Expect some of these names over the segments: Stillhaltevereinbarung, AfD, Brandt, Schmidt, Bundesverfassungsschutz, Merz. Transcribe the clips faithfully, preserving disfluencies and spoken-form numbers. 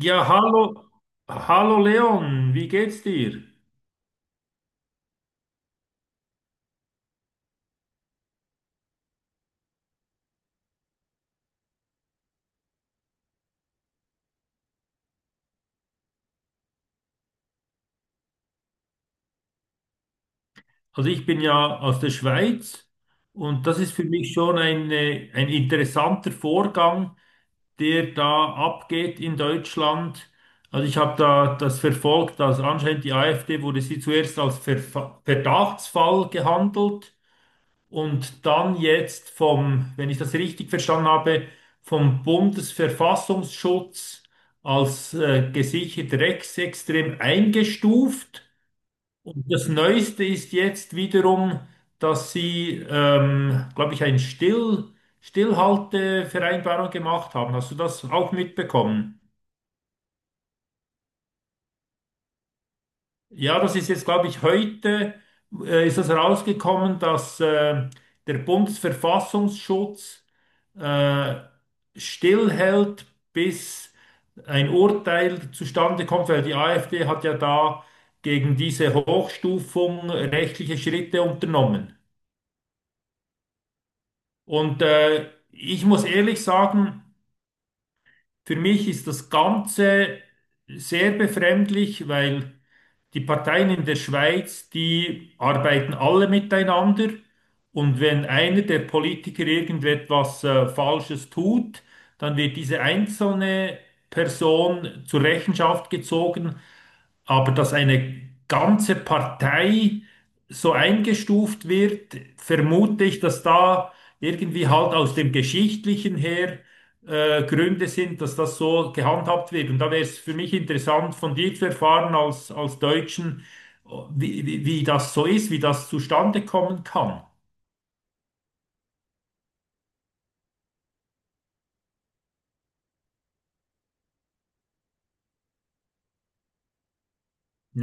Ja, hallo, hallo Leon, wie geht's dir? Also ich bin ja aus der Schweiz und das ist für mich schon ein, äh, ein interessanter Vorgang, der da abgeht in Deutschland. Also ich habe da das verfolgt, dass anscheinend die AfD wurde sie zuerst als Verfa- Verdachtsfall gehandelt. Und dann jetzt vom, wenn ich das richtig verstanden habe, vom Bundesverfassungsschutz als äh, gesichert rechtsextrem eingestuft. Und das Neueste ist jetzt wiederum, dass sie, ähm, glaube ich, eine Still, Stillhaltevereinbarung gemacht haben. Hast du das auch mitbekommen? Ja, das ist jetzt, glaube ich, heute äh, ist das rausgekommen, dass äh, der Bundesverfassungsschutz äh, stillhält, bis ein Urteil zustande kommt, weil die AfD hat ja da gegen diese Hochstufung rechtliche Schritte unternommen. Und äh, ich muss ehrlich sagen, für mich ist das Ganze sehr befremdlich, weil die Parteien in der Schweiz, die arbeiten alle miteinander. Und wenn einer der Politiker irgendetwas äh, Falsches tut, dann wird diese einzelne Person zur Rechenschaft gezogen. Aber dass eine ganze Partei so eingestuft wird, vermute ich, dass da irgendwie halt aus dem Geschichtlichen her äh, Gründe sind, dass das so gehandhabt wird. Und da wäre es für mich interessant, von dir zu erfahren als, als Deutschen, wie, wie, wie das so ist, wie das zustande kommen kann.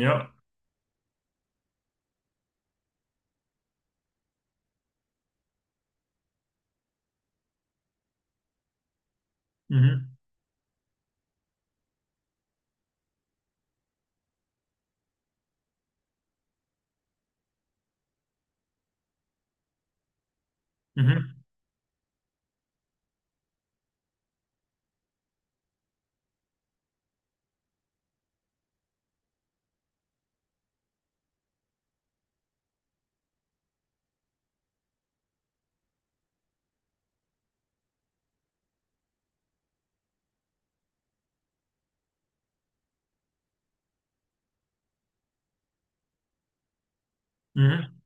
Ja. Mhm. Mhm. Mhm.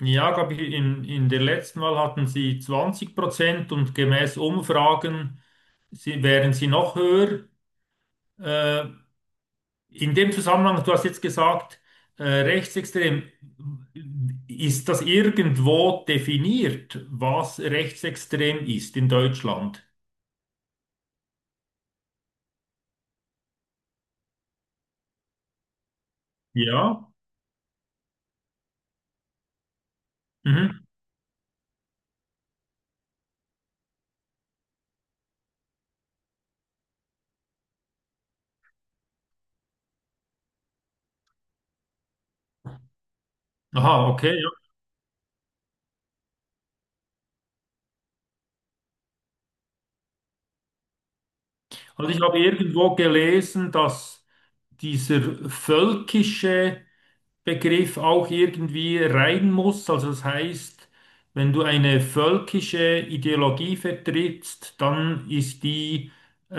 Ja, glaub ich, in, in der letzten Wahl hatten sie zwanzig Prozent und gemäß Umfragen sie, wären sie noch höher. Äh, in dem Zusammenhang, du hast jetzt gesagt, äh, rechtsextrem, ist das irgendwo definiert, was rechtsextrem ist in Deutschland? Ja. Mhm. Aha, okay. Ja. Also ich habe irgendwo gelesen, dass dieser völkische Begriff auch irgendwie rein muss. Also das heißt, wenn du eine völkische Ideologie vertrittst, dann ist die äh,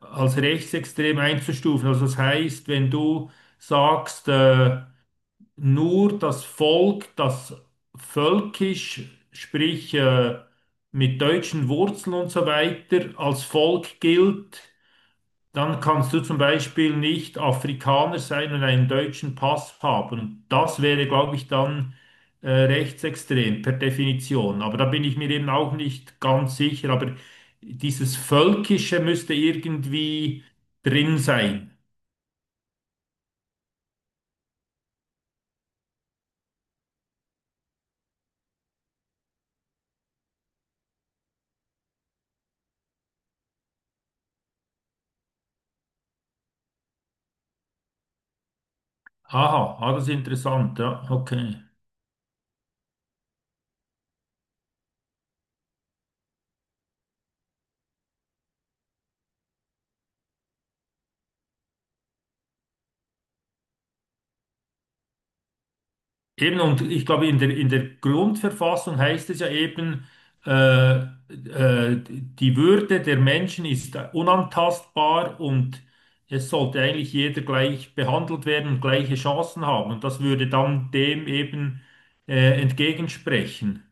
als rechtsextrem einzustufen. Also das heißt, wenn du sagst, äh, nur das Volk, das völkisch, sprich äh, mit deutschen Wurzeln und so weiter, als Volk gilt, dann kannst du zum Beispiel nicht Afrikaner sein und einen deutschen Pass haben. Und das wäre, glaube ich, dann äh, rechtsextrem per Definition. Aber da bin ich mir eben auch nicht ganz sicher. Aber dieses Völkische müsste irgendwie drin sein. Aha, ah, das ist interessant. Ja, okay. Eben, und ich glaube, in der, in der Grundverfassung heißt es ja eben, äh, äh, die Würde der Menschen ist unantastbar und es sollte eigentlich jeder gleich behandelt werden und gleiche Chancen haben. Und das würde dann dem eben äh, entgegensprechen.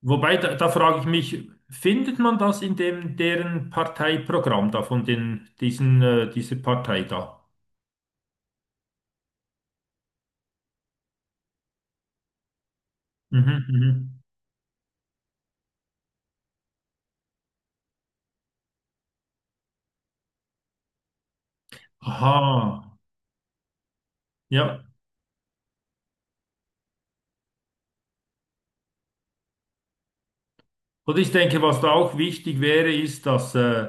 Wobei, da, da frage ich mich, findet man das in dem, deren Parteiprogramm da, von den, diesen, äh, dieser Partei da? Mhm, mhm. Aha, ja. Und ich denke, was da auch wichtig wäre, ist, dass äh,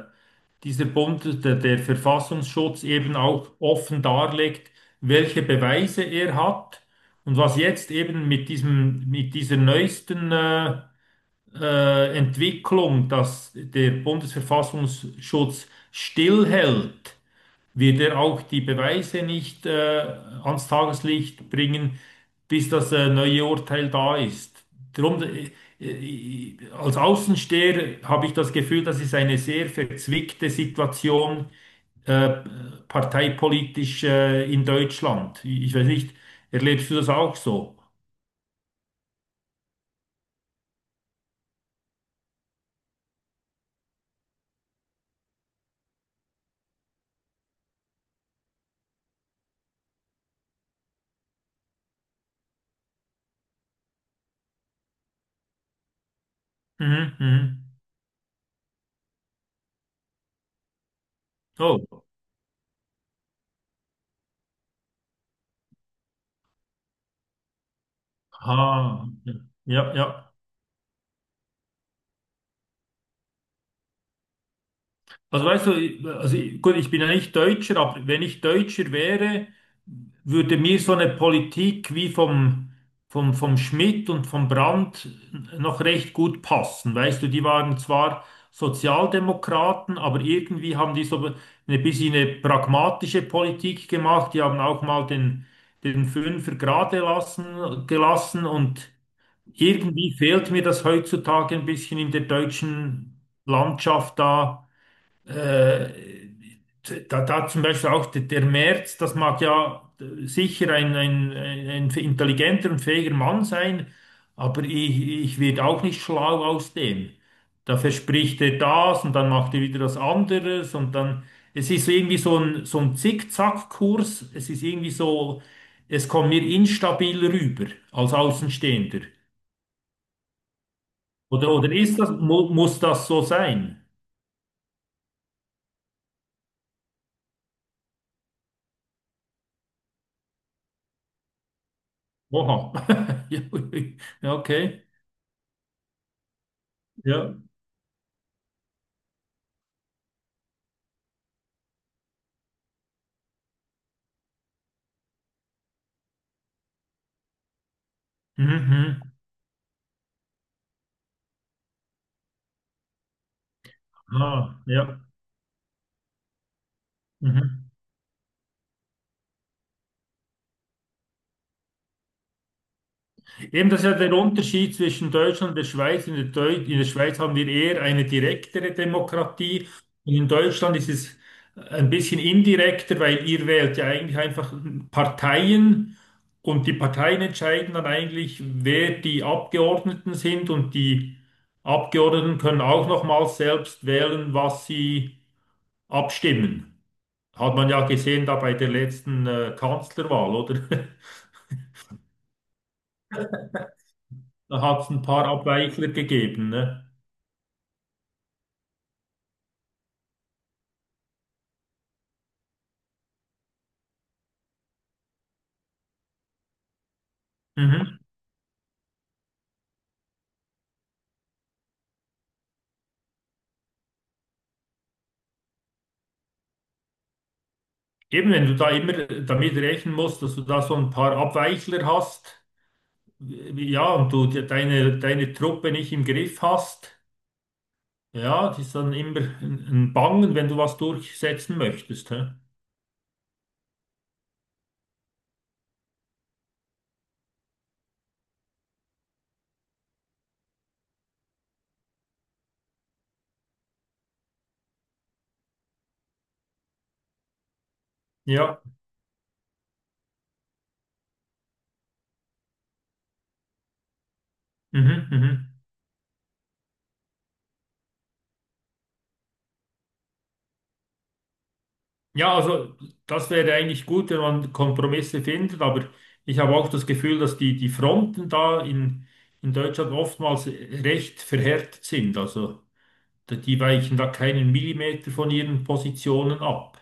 dieser Bund, der, der Verfassungsschutz, eben auch offen darlegt, welche Beweise er hat und was jetzt eben mit diesem, mit dieser neuesten äh, äh, Entwicklung, dass der Bundesverfassungsschutz stillhält wird er auch die Beweise nicht äh, ans Tageslicht bringen, bis das äh, neue Urteil da ist. Drum, äh, äh, als Außensteher habe ich das Gefühl, das ist eine sehr verzwickte Situation äh, parteipolitisch äh, in Deutschland. Ich weiß nicht, erlebst du das auch so? Mhm, mhm. Oh, aha. Ja, ja. Also weißt du, ich- also ich- gut, ich bin ja nicht Deutscher, aber wenn ich Deutscher wäre, würde mir so eine Politik wie vom, vom, vom Schmidt und vom Brandt noch recht gut passen. Weißt du, die waren zwar Sozialdemokraten, aber irgendwie haben die so ein bisschen eine pragmatische Politik gemacht. Die haben auch mal den, den Fünfer gerade lassen, gelassen und irgendwie fehlt mir das heutzutage ein bisschen in der deutschen Landschaft da äh, da, da zum Beispiel auch der, der Merz, das mag ja äh, sicher ein, ein, ein ein intelligenter und fähiger Mann sein, aber ich, ich werde auch nicht schlau aus dem. Da verspricht er das und dann macht er wieder was anderes und dann, es ist irgendwie so ein, so ein Zickzackkurs, es ist irgendwie so, es kommt mir instabil rüber als Außenstehender. Oder, oder ist das, mu muss das so sein? Oha. Ja, okay. Ja. Mhm. Mhm. Ah, ja. Mhm. Eben, das ist ja der Unterschied zwischen Deutschland und der Schweiz. In der, Deu in der Schweiz haben wir eher eine direktere Demokratie und in Deutschland ist es ein bisschen indirekter, weil ihr wählt ja eigentlich einfach Parteien und die Parteien entscheiden dann eigentlich, wer die Abgeordneten sind und die Abgeordneten können auch nochmals selbst wählen, was sie abstimmen. Hat man ja gesehen da bei der letzten äh, Kanzlerwahl, oder? Da hat es ein paar Abweichler gegeben, ne? Mhm. Eben, wenn du da immer damit rechnen musst, dass du da so ein paar Abweichler hast, wie- ja, und du de- deine, deine Truppe nicht im Griff hast, ja, das ist dann immer ein ein Bangen, wenn du was durchsetzen möchtest, hä? Ja, mhm, mhm. Ja, also das wäre eigentlich gut, wenn man Kompromisse findet, aber ich habe auch das Gefühl, dass die, die Fronten da in, in Deutschland oftmals recht verhärtet sind, also. Die weichen da keinen Millimeter von ihren Positionen ab.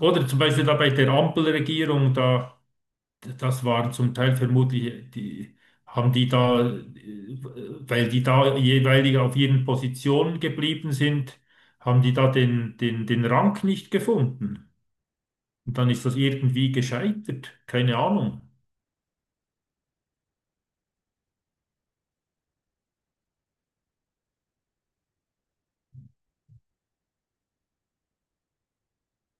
Oder zum Beispiel da bei der Ampelregierung, da, das waren zum Teil vermutlich, die haben die da, äh, weil die da jeweilig auf ihren Positionen geblieben sind, haben die da den, den, den Rang nicht gefunden. Und dann ist das irgendwie gescheitert. Keine Ahnung.